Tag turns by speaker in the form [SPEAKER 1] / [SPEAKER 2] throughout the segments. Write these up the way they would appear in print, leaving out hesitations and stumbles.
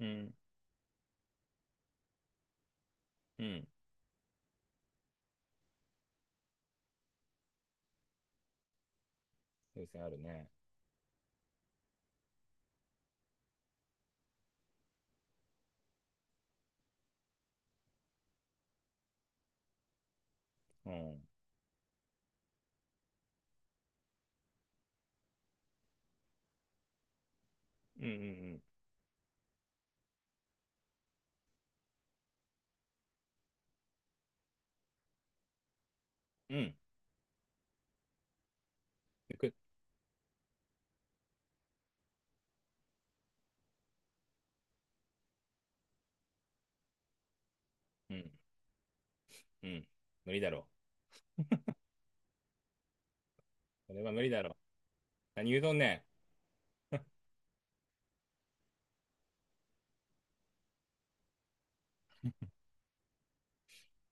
[SPEAKER 1] うん、うん、優先あるね。うん、うん、うん、うん、うん、行く、うん、うん、無理だろう。それは無理だろう。何言うとんね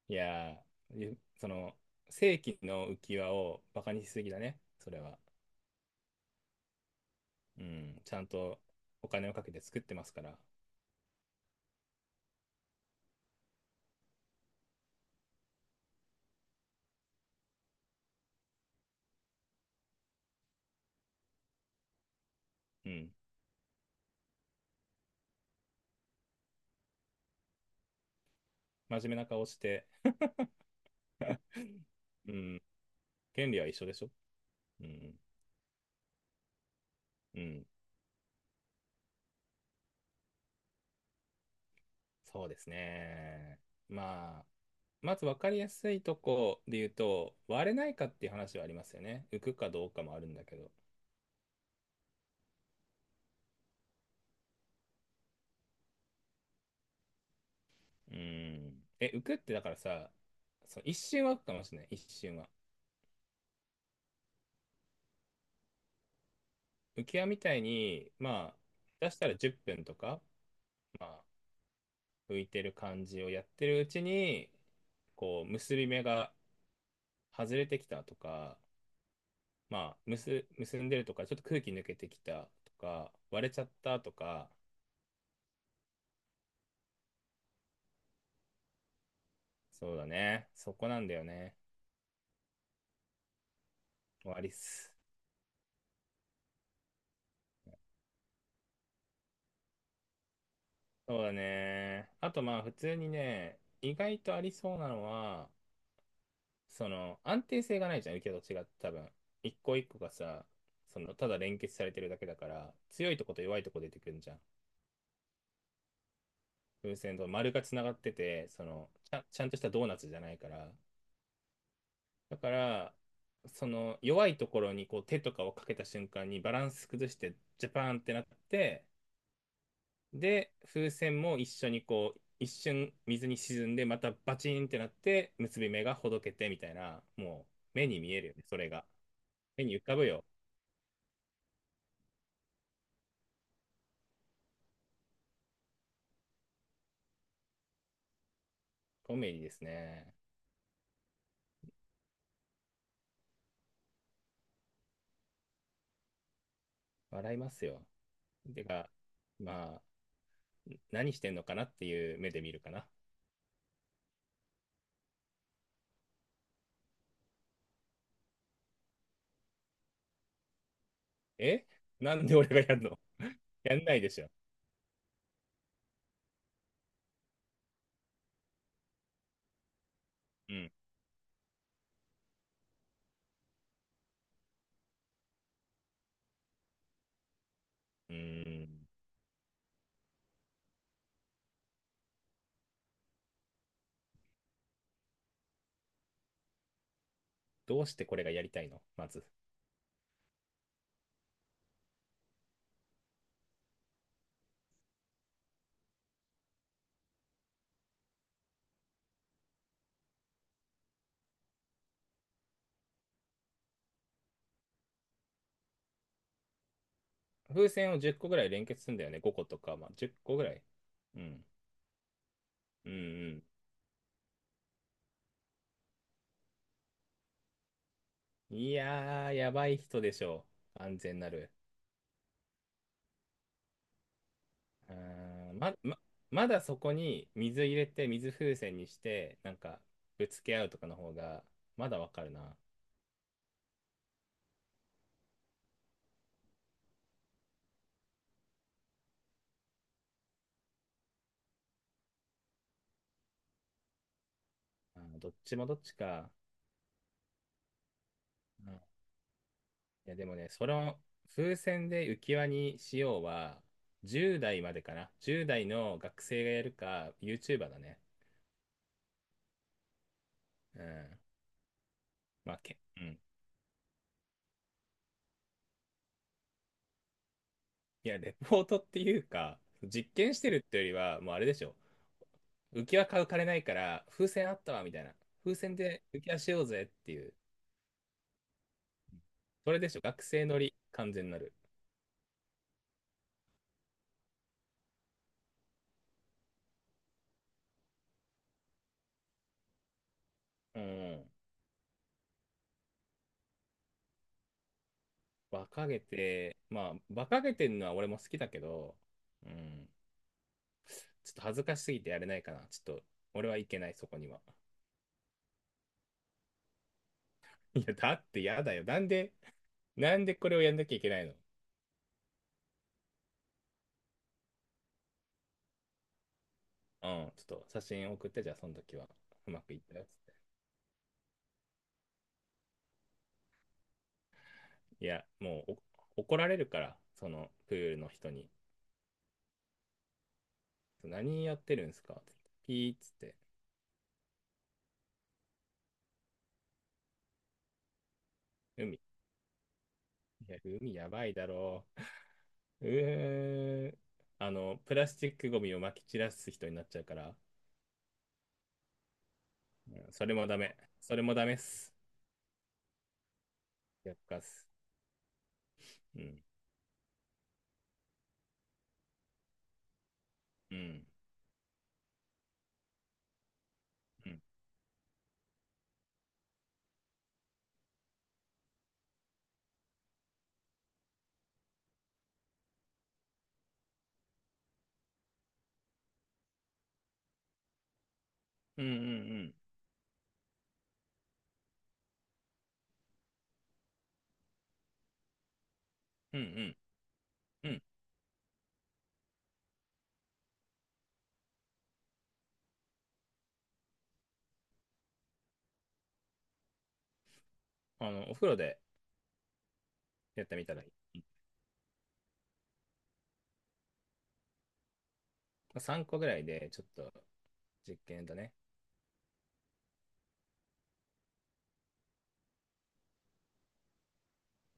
[SPEAKER 1] ん。いやー、ゆその、正規の浮き輪をバカにしすぎだね、それは。うん、ちゃんとお金をかけて作ってますから。うん、真面目な顔して、うん、権利は一緒でしょ。うん、うん。そうですね。まあ、まず分かりやすいとこで言うと、割れないかっていう話はありますよね。浮くかどうかもあるんだけど。うん。え、浮くってだからさ、そう、一瞬は浮くかもしれない。一瞬は。浮き輪みたいに、まあ、出したら10分とか、まあ、浮いてる感じをやってるうちに、こう、結び目が外れてきたとか、まあ、結んでるとか、ちょっと空気抜けてきたとか、割れちゃったとか、そうだね。そこなんだよね。終わりっす。そうだね。あとまあ普通にね、意外とありそうなのは、その安定性がないじゃん、受けと違って多分。一個一個がさ、そのただ連結されてるだけだから、強いとこと弱いとこ出てくるんじゃん。風船と丸がつながってて、そのちゃんとしたドーナツじゃないから。だから、その弱いところにこう手とかをかけた瞬間にバランス崩してジャパーンってなって、で、風船も一緒にこう、一瞬水に沈んで、またバチンってなって、結び目がほどけてみたいな、もう目に見えるよね、それが。目に浮かぶよ。コメディですね。笑いますよ。てか、まあ、何してんのかなっていう目で見るかな。えなんで俺がやるの。 やんないでしょ。うん。うーん。どうしてこれがやりたいのまず。風船を10個ぐらい連結するんだよね。5個とか、まあ、10個ぐらい。うん。うんうん、いやー、やばい人でしょう。安全なる。あーま、ま、まだそこに水入れて、水風船にして、なんか、ぶつけ合うとかの方が、まだわかるな。あー、どっちもどっちか。うん、いや、でもね、その、風船で浮き輪にしようは、10代までかな。10代の学生がやるか、YouTuber だね。うん。まあ、うん。いや、レポートっていうか、実験してるってよりは、もうあれでしょ。浮き輪買う金ないから、風船あったわ、みたいな。風船で浮き輪しようぜっていう。それでしょ。学生乗り、完全なる。うん。馬鹿げて、まあ、馬鹿げてるのは俺も好きだけど、うん。ちょっと恥ずかしすぎてやれないかな。ちょっと、俺はいけない、そこには。いや、だってやだよ。なんで、なんでこれをやんなきゃいけないの。うん。ちょっと写真送って、じゃあ、その時は。うまくいったよ。いや、もうお怒られるから、そのプールの人に。何やってるんですかってピーっつって、海、いや、海やばいだろう。うーん、あの、プラスチックゴミを撒き散らす人になっちゃうから、うん、それもダメ。それもダメっす。やっかっす。うん、うん、うん、うん、うん、うん、うん、うん、うん。あの、お風呂でやってみたらいい。うん、まあ3個ぐらいで、ちょっと実験だね。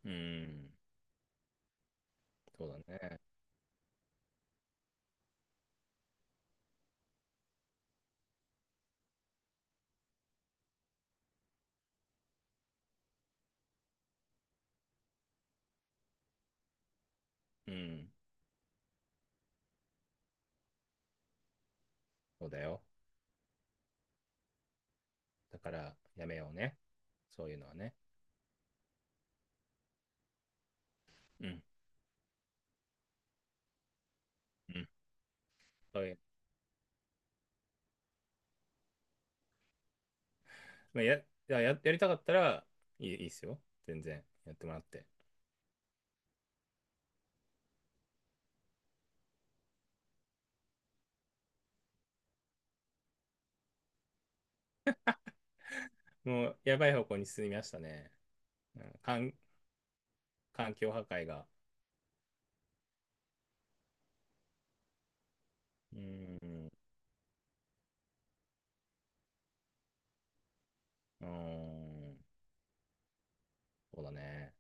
[SPEAKER 1] うん、そうだね。うん、そうだよ。だから、やめようね。そういうのはね。うん。うん。そういう、まあ、やりたかったらいい、いいっすよ。全然。やってもらって。もう、やばい方向に進みましたね。うん、環境破壊が。うーん。うーん。そうだね。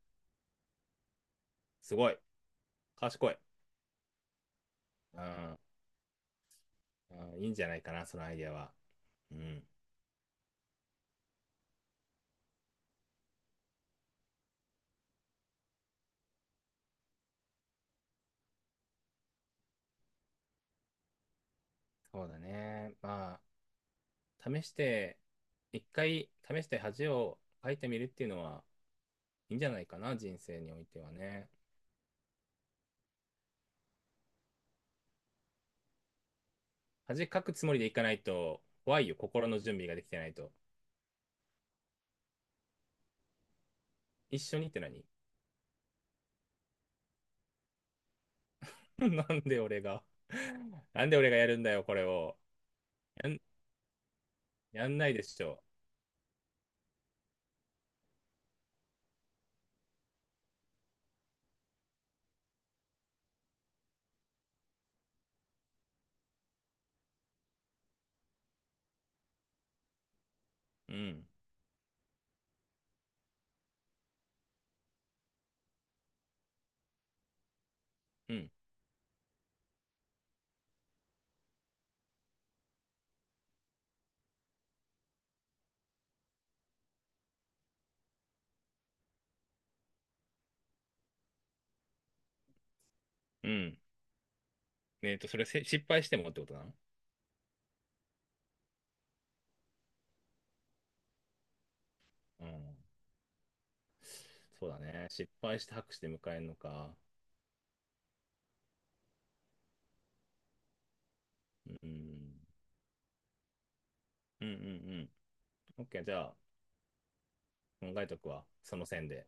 [SPEAKER 1] すごい。賢い。うん。うん、いいんじゃないかな、そのアイデアは。うん。そうだね。まあ、試して、一回試して恥をかいてみるっていうのはいいんじゃないかな、人生においてはね。恥かくつもりでいかないと怖いよ、心の準備ができてないと。一緒にって何。 なんで俺が なんで俺がやるんだよ、これを。やん、やんないでしょ。うん、うん、うん。それ失敗してもってことなの。うん。そうだね。失敗して拍手で迎えるのか。うん。うんうんうん。OK、じゃあ、考えとくわ。その線で。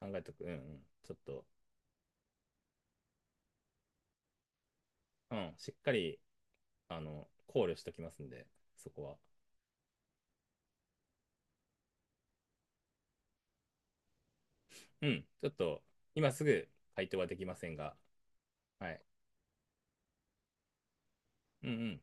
[SPEAKER 1] 考えとく。うんうん。ちょっと、うん。しっかり、あの、考慮しときますんで、そこは。うん、ちょっと今すぐ回答はできませんが、はい。うんうん。